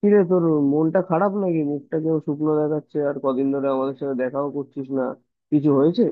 কিরে, তোর মনটা খারাপ নাকি? মুখটা কেউ শুকনো দেখাচ্ছে, আর কদিন ধরে আমাদের সাথে দেখাও করছিস না। কিছু হয়েছে?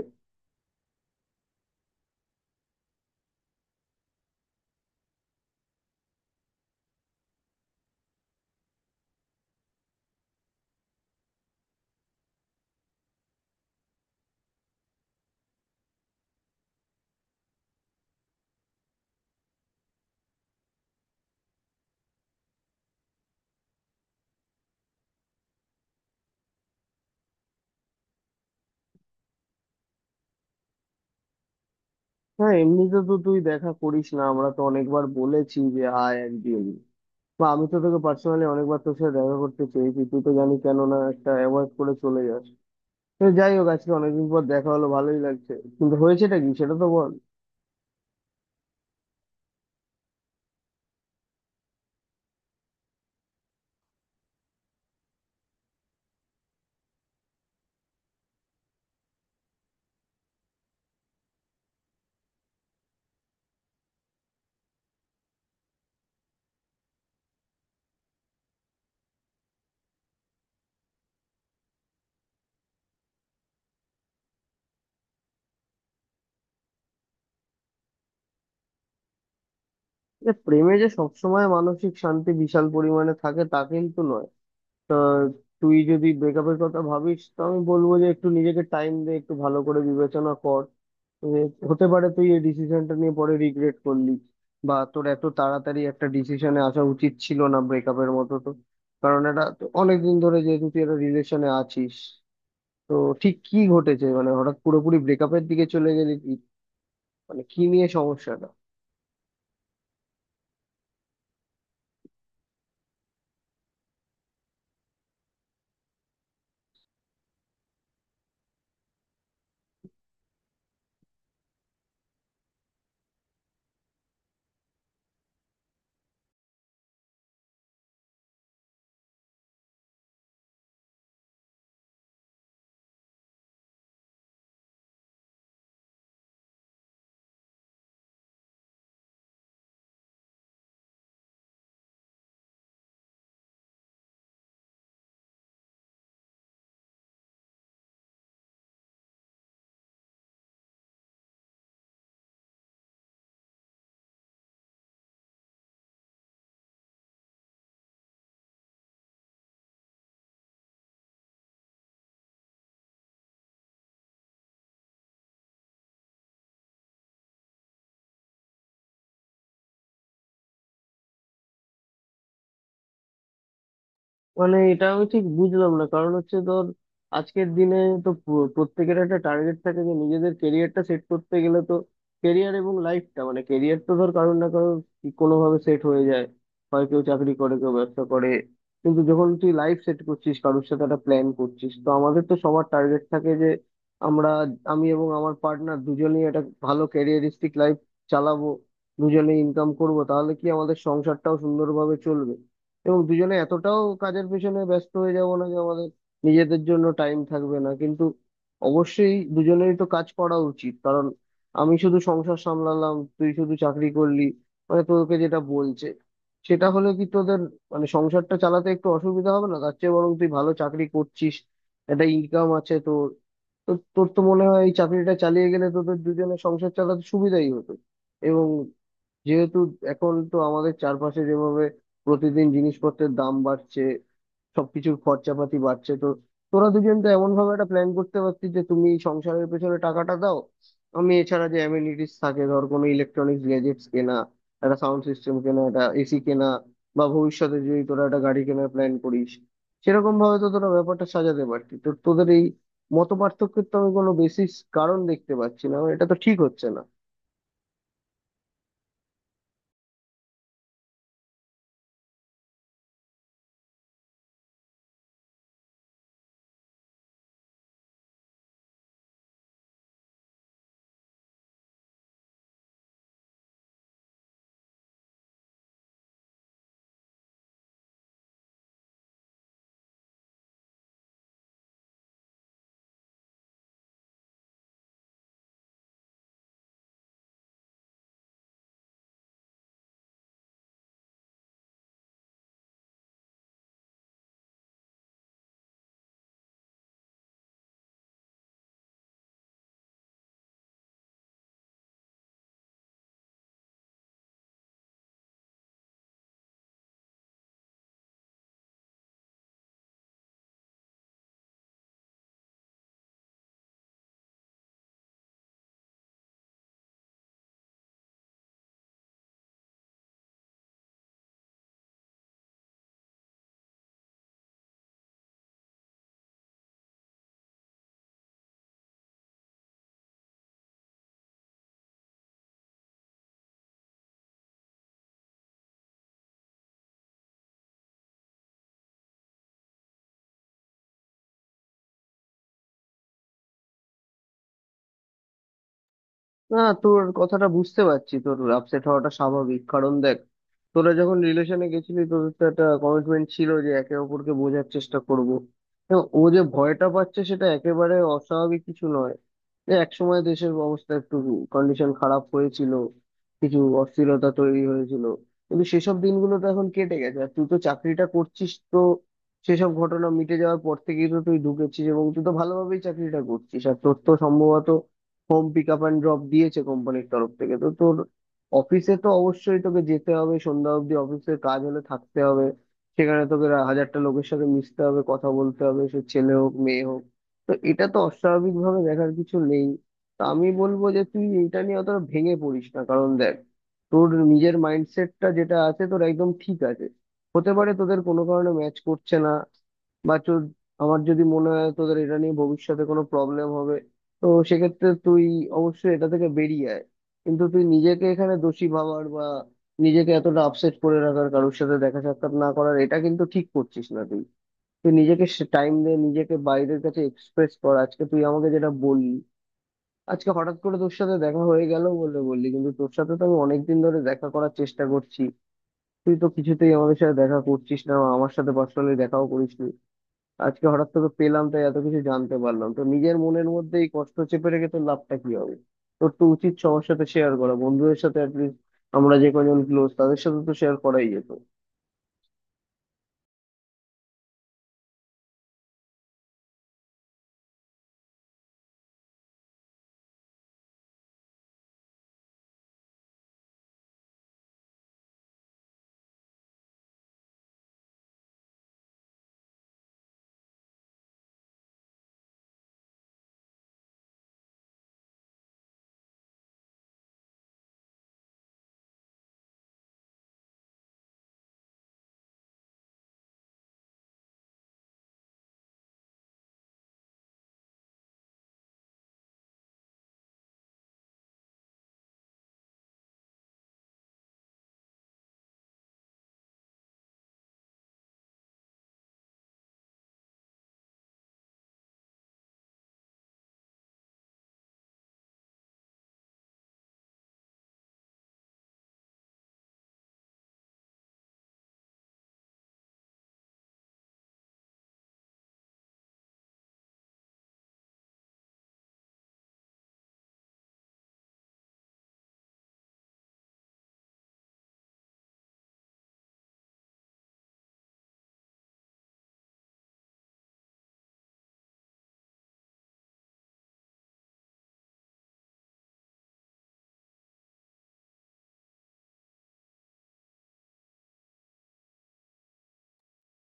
হ্যাঁ, এমনিতে তো তুই দেখা করিস না, আমরা তো অনেকবার বলেছি যে আয় একদিন, বা আমি তো তোকে পার্সোনালি অনেকবার তোর সাথে দেখা করতে চেয়েছি, তুই তো জানি কেননা একটা অ্যাভয়েড করে চলে যাস। তো যাই হোক, আজকে অনেকদিন পর দেখা হলো, ভালোই লাগছে। কিন্তু হয়েছেটা কি, সেটা তো বল। প্রেমে যে সবসময় মানসিক শান্তি বিশাল পরিমাণে থাকে তা কিন্তু নয়। তা, তুই যদি ব্রেকআপের কথা ভাবিস তো আমি বলবো যে একটু নিজেকে টাইম দে, একটু ভালো করে বিবেচনা কর। যে হতে পারে তুই এই ডিসিশনটা নিয়ে পরে রিগ্রেট করলি, বা তোর এত তাড়াতাড়ি একটা ডিসিশনে আসা উচিত ছিল না ব্রেকআপের মতো। তো কারণ এটা তো অনেকদিন ধরে যেহেতু তুই একটা রিলেশনে আছিস। তো ঠিক কি ঘটেছে? মানে হঠাৎ পুরোপুরি ব্রেকআপের দিকে চলে গেলি কি? মানে কি নিয়ে সমস্যা? মানে এটা আমি ঠিক বুঝলাম না, কারণ হচ্ছে ধর, আজকের দিনে তো প্রত্যেকের একটা টার্গেট থাকে যে নিজেদের কেরিয়ারটা সেট করতে গেলে তো কেরিয়ার এবং লাইফটা, মানে কেরিয়ার তো ধর কারোর না কারোর কোনোভাবে সেট হয়ে যায়। হয় কেউ চাকরি করে, কেউ ব্যবসা করে। কিন্তু যখন তুই লাইফ সেট করছিস কারোর সাথে, একটা প্ল্যান করছিস, তো আমাদের তো সবার টার্গেট থাকে যে আমরা, আমি এবং আমার পার্টনার, দুজনেই একটা ভালো ক্যারিয়ারিস্টিক লাইফ চালাবো, দুজনেই ইনকাম করব, তাহলে কি আমাদের সংসারটাও সুন্দরভাবে চলবে। এবং দুজনে এতটাও কাজের পেছনে ব্যস্ত হয়ে যাব না যে আমাদের নিজেদের জন্য টাইম থাকবে না, কিন্তু অবশ্যই দুজনেরই তো কাজ করা উচিত। কারণ আমি শুধু সংসার সামলালাম, তুই শুধু চাকরি করলি, মানে তোকে যেটা বলছে সেটা হলে কি তোদের মানে সংসারটা চালাতে একটু অসুবিধা হবে না? তার চেয়ে বরং তুই ভালো চাকরি করছিস, একটা ইনকাম আছে তোর, তো তোর তো মনে হয় এই চাকরিটা চালিয়ে গেলে তোদের দুজনের সংসার চালাতে সুবিধাই হতো। এবং যেহেতু এখন তো আমাদের চারপাশে যেভাবে প্রতিদিন জিনিসপত্রের দাম বাড়ছে, সবকিছুর খরচাপাতি বাড়ছে, তো তোরা দুজন তো এমন ভাবে একটা প্ল্যান করতে পারতিস যে তুমি সংসারের পেছনে টাকাটা দাও, আমি এছাড়া যে অ্যামেনিটিস থাকে, ধর কোনো ইলেকট্রনিক্স গ্যাজেটস কেনা, একটা সাউন্ড সিস্টেম কেনা, একটা এসি কেনা, বা ভবিষ্যতে যদি তোরা একটা গাড়ি কেনার প্ল্যান করিস, সেরকম ভাবে তো তোরা ব্যাপারটা সাজাতে পারতি। তো তোদের এই মত পার্থক্যের তো আমি কোনো বেসিস কারণ দেখতে পাচ্ছি না, মানে এটা তো ঠিক হচ্ছে না। না, তোর কথাটা বুঝতে পারছি, তোর আপসেট হওয়াটা স্বাভাবিক। কারণ দেখ, তোরা যখন রিলেশনে গেছিলি, তোদের তো একটা কমিটমেন্ট ছিল যে একে অপরকে বোঝার চেষ্টা করব। হ্যাঁ, ও যে ভয়টা পাচ্ছে সেটা একেবারে অস্বাভাবিক কিছু নয়। যে একসময় দেশের অবস্থা একটু কন্ডিশন খারাপ হয়েছিল, কিছু অস্থিরতা তৈরি হয়েছিল, কিন্তু সেসব দিনগুলো তো এখন কেটে গেছে, আর তুই তো চাকরিটা করছিস। তো সেসব ঘটনা মিটে যাওয়ার পর থেকেই তো তুই ঢুকেছিস, এবং তুই তো ভালোভাবেই চাকরিটা করছিস, আর তোর তো সম্ভবত home pick up and drop দিয়েছে কোম্পানির তরফ থেকে। তো তোর অফিসে তো অবশ্যই তোকে যেতে হবে, সন্ধ্যা অবধি অফিসের কাজ হলে থাকতে হবে, সেখানে তোকে হাজারটা লোকের সাথে মিশতে হবে, কথা বলতে হবে, সে ছেলে হোক মেয়ে হোক। তো এটা তো অস্বাভাবিক ভাবে দেখার কিছু নেই। তা আমি বলবো যে তুই এটা নিয়ে অতটা ভেঙে পড়িস না। কারণ দেখ, তোর নিজের মাইন্ডসেটটা যেটা আছে তোর একদম ঠিক আছে। হতে পারে তোদের কোনো কারণে ম্যাচ করছে না, বা তোর, আমার যদি মনে হয় তোদের এটা নিয়ে ভবিষ্যতে কোনো প্রবলেম হবে, তো সেক্ষেত্রে তুই অবশ্যই এটা থেকে বেরিয়ে আয়। কিন্তু তুই নিজেকে এখানে দোষী ভাবার বা নিজেকে এতটা আপসেট করে রাখার, কারোর সাথে দেখা সাক্ষাৎ না করার, এটা কিন্তু ঠিক করছিস না তুই। তুই নিজেকে টাইম দে, নিজেকে বাইরের কাছে এক্সপ্রেস কর। আজকে তুই আমাকে যেটা বললি, আজকে হঠাৎ করে তোর সাথে দেখা হয়ে গেল বলে বললি, কিন্তু তোর সাথে তো আমি অনেকদিন ধরে দেখা করার চেষ্টা করছি। তুই তো কিছুতেই আমাদের সাথে দেখা করছিস না, আমার সাথে পার্সোনালি দেখাও করিস। আজকে হঠাৎ তোকে পেলাম তাই এত কিছু জানতে পারলাম। তো নিজের মনের মধ্যে এই কষ্ট চেপে রেখে তোর লাভটা কি হবে? তোর তো উচিত সবার সাথে শেয়ার করা, বন্ধুদের সাথে অ্যাটলিস্ট আমরা যে কজন ক্লোজ তাদের সাথে তো শেয়ার করাই যেত।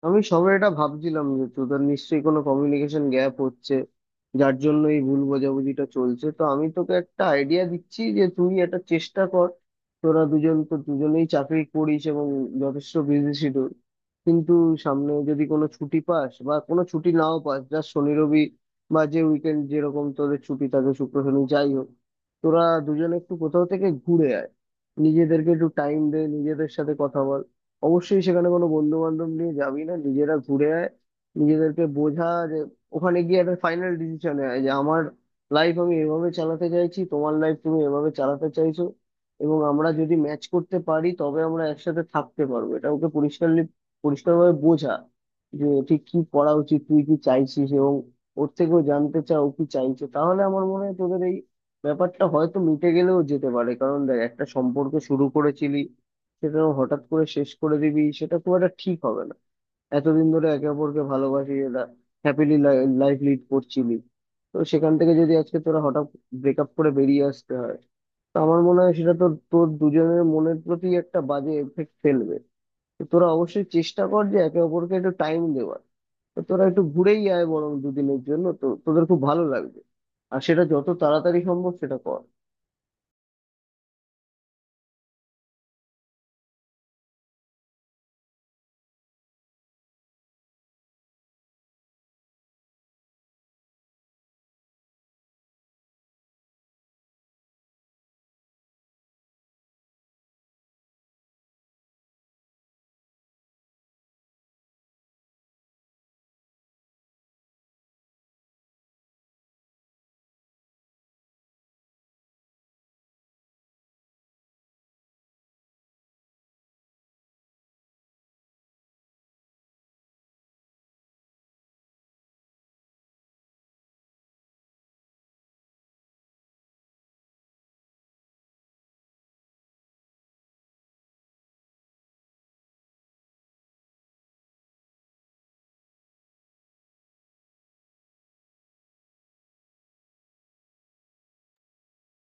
আমি সবে এটা ভাবছিলাম যে তোদের নিশ্চয়ই কোনো কমিউনিকেশন গ্যাপ হচ্ছে, যার জন্য এই ভুল বোঝাবুঝিটা চলছে। তো আমি তোকে একটা আইডিয়া দিচ্ছি যে তুই একটা চেষ্টা কর। তোরা দুজন তো দুজনেই চাকরি করিস এবং যথেষ্ট বিজি শিডিউল, কিন্তু সামনে যদি কোনো ছুটি পাস বা কোনো ছুটি নাও পাস, যা শনি রবি বা যে উইকেন্ড যেরকম তোদের ছুটি থাকে, শুক্র শনি যাই হোক, তোরা দুজনে একটু কোথাও থেকে ঘুরে আয়। নিজেদেরকে একটু টাইম দে, নিজেদের সাথে কথা বল। অবশ্যই সেখানে কোনো বন্ধু বান্ধব নিয়ে যাবি না, নিজেরা ঘুরে আয়। নিজেদেরকে বোঝা, যে ওখানে গিয়ে একটা ফাইনাল ডিসিশন হয় যে আমার লাইফ আমি এভাবে চালাতে চাইছি, তোমার লাইফ তুমি এভাবে চালাতে চাইছো, এবং আমরা যদি ম্যাচ করতে পারি তবে আমরা একসাথে থাকতে পারবো। এটা ওকে পরিষ্কারলি পরিষ্কারভাবে বোঝা যে ঠিক কি করা উচিত, তুই কি চাইছিস, এবং ওর থেকেও জানতে চাও কি চাইছে। তাহলে আমার মনে হয় তোদের এই ব্যাপারটা হয়তো মিটে গেলেও যেতে পারে। কারণ দেখ, একটা সম্পর্ক শুরু করেছিলি, সেটা হঠাৎ করে শেষ করে দিবি সেটা খুব একটা ঠিক হবে না। এতদিন ধরে একে অপরকে ভালোবাসি, এটা হ্যাপিলি লাইফ লিড করছিলি, তো সেখান থেকে যদি আজকে তোরা হঠাৎ ব্রেকআপ করে বেরিয়ে আসতে হয়, তো আমার মনে হয় সেটা তোর, তোর দুজনের মনের প্রতি একটা বাজে এফেক্ট ফেলবে। তো তোরা অবশ্যই চেষ্টা কর যে একে অপরকে একটু টাইম দেওয়ার। তো তোরা একটু ঘুরেই আয় বরং দুদিনের জন্য, তো তোদের খুব ভালো লাগবে। আর সেটা যত তাড়াতাড়ি সম্ভব সেটা কর।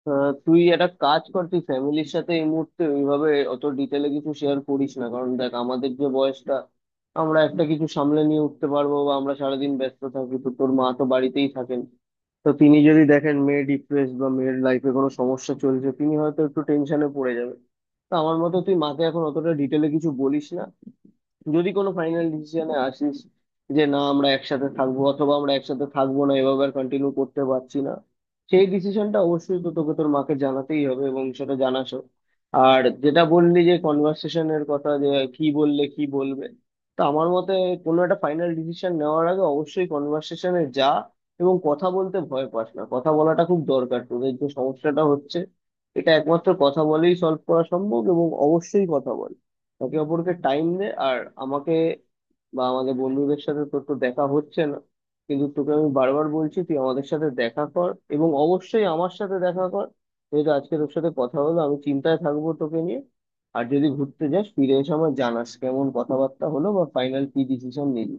তুই একটা কাজ কর, তুই ফ্যামিলির সাথে এই মুহূর্তে ওইভাবে অত ডিটেলে কিছু শেয়ার করিস না। কারণ দেখ, আমাদের যে বয়সটা আমরা একটা কিছু সামলে নিয়ে উঠতে পারবো বা আমরা সারাদিন ব্যস্ত থাকি, তো তোর মা তো বাড়িতেই থাকেন, তো তিনি যদি দেখেন মেয়ে ডিপ্রেসড বা মেয়ের লাইফে কোনো সমস্যা চলছে, তিনি হয়তো একটু টেনশনে পড়ে যাবে। তো আমার মতে তুই মাকে এখন অতটা ডিটেলে কিছু বলিস না। যদি কোনো ফাইনাল ডিসিশনে আসিস যে না আমরা একসাথে থাকবো অথবা আমরা একসাথে থাকবো না, এভাবে আর কন্টিনিউ করতে পারছি না, সেই ডিসিশনটা অবশ্যই তো তোকে তোর মাকে জানাতেই হবে, এবং সেটা জানাসও। আর যেটা বললি যে কনভার্সেশনের কথা, যে কি বললে কি বলবে, তো আমার মতে কোনো একটা ফাইনাল ডিসিশন নেওয়ার আগে অবশ্যই কনভার্সেশনে যা। এবং কথা বলতে ভয় পাস না, কথা বলাটা খুব দরকার। তোদের যে সমস্যাটা হচ্ছে, এটা একমাত্র কথা বলেই সলভ করা সম্ভব, এবং অবশ্যই কথা বল, একে অপরকে টাইম দে। আর আমাকে বা আমাদের বন্ধুদের সাথে তোর তো দেখা হচ্ছে না, কিন্তু তোকে আমি বারবার বলছি তুই আমাদের সাথে দেখা কর, এবং অবশ্যই আমার সাথে দেখা কর। যেহেতু আজকে তোর সাথে কথা হলো, আমি চিন্তায় থাকবো তোকে নিয়ে। আর যদি ঘুরতে যাস, ফিরে এসে আমার জানাস কেমন কথাবার্তা হলো বা ফাইনাল কি ডিসিশন নিলি।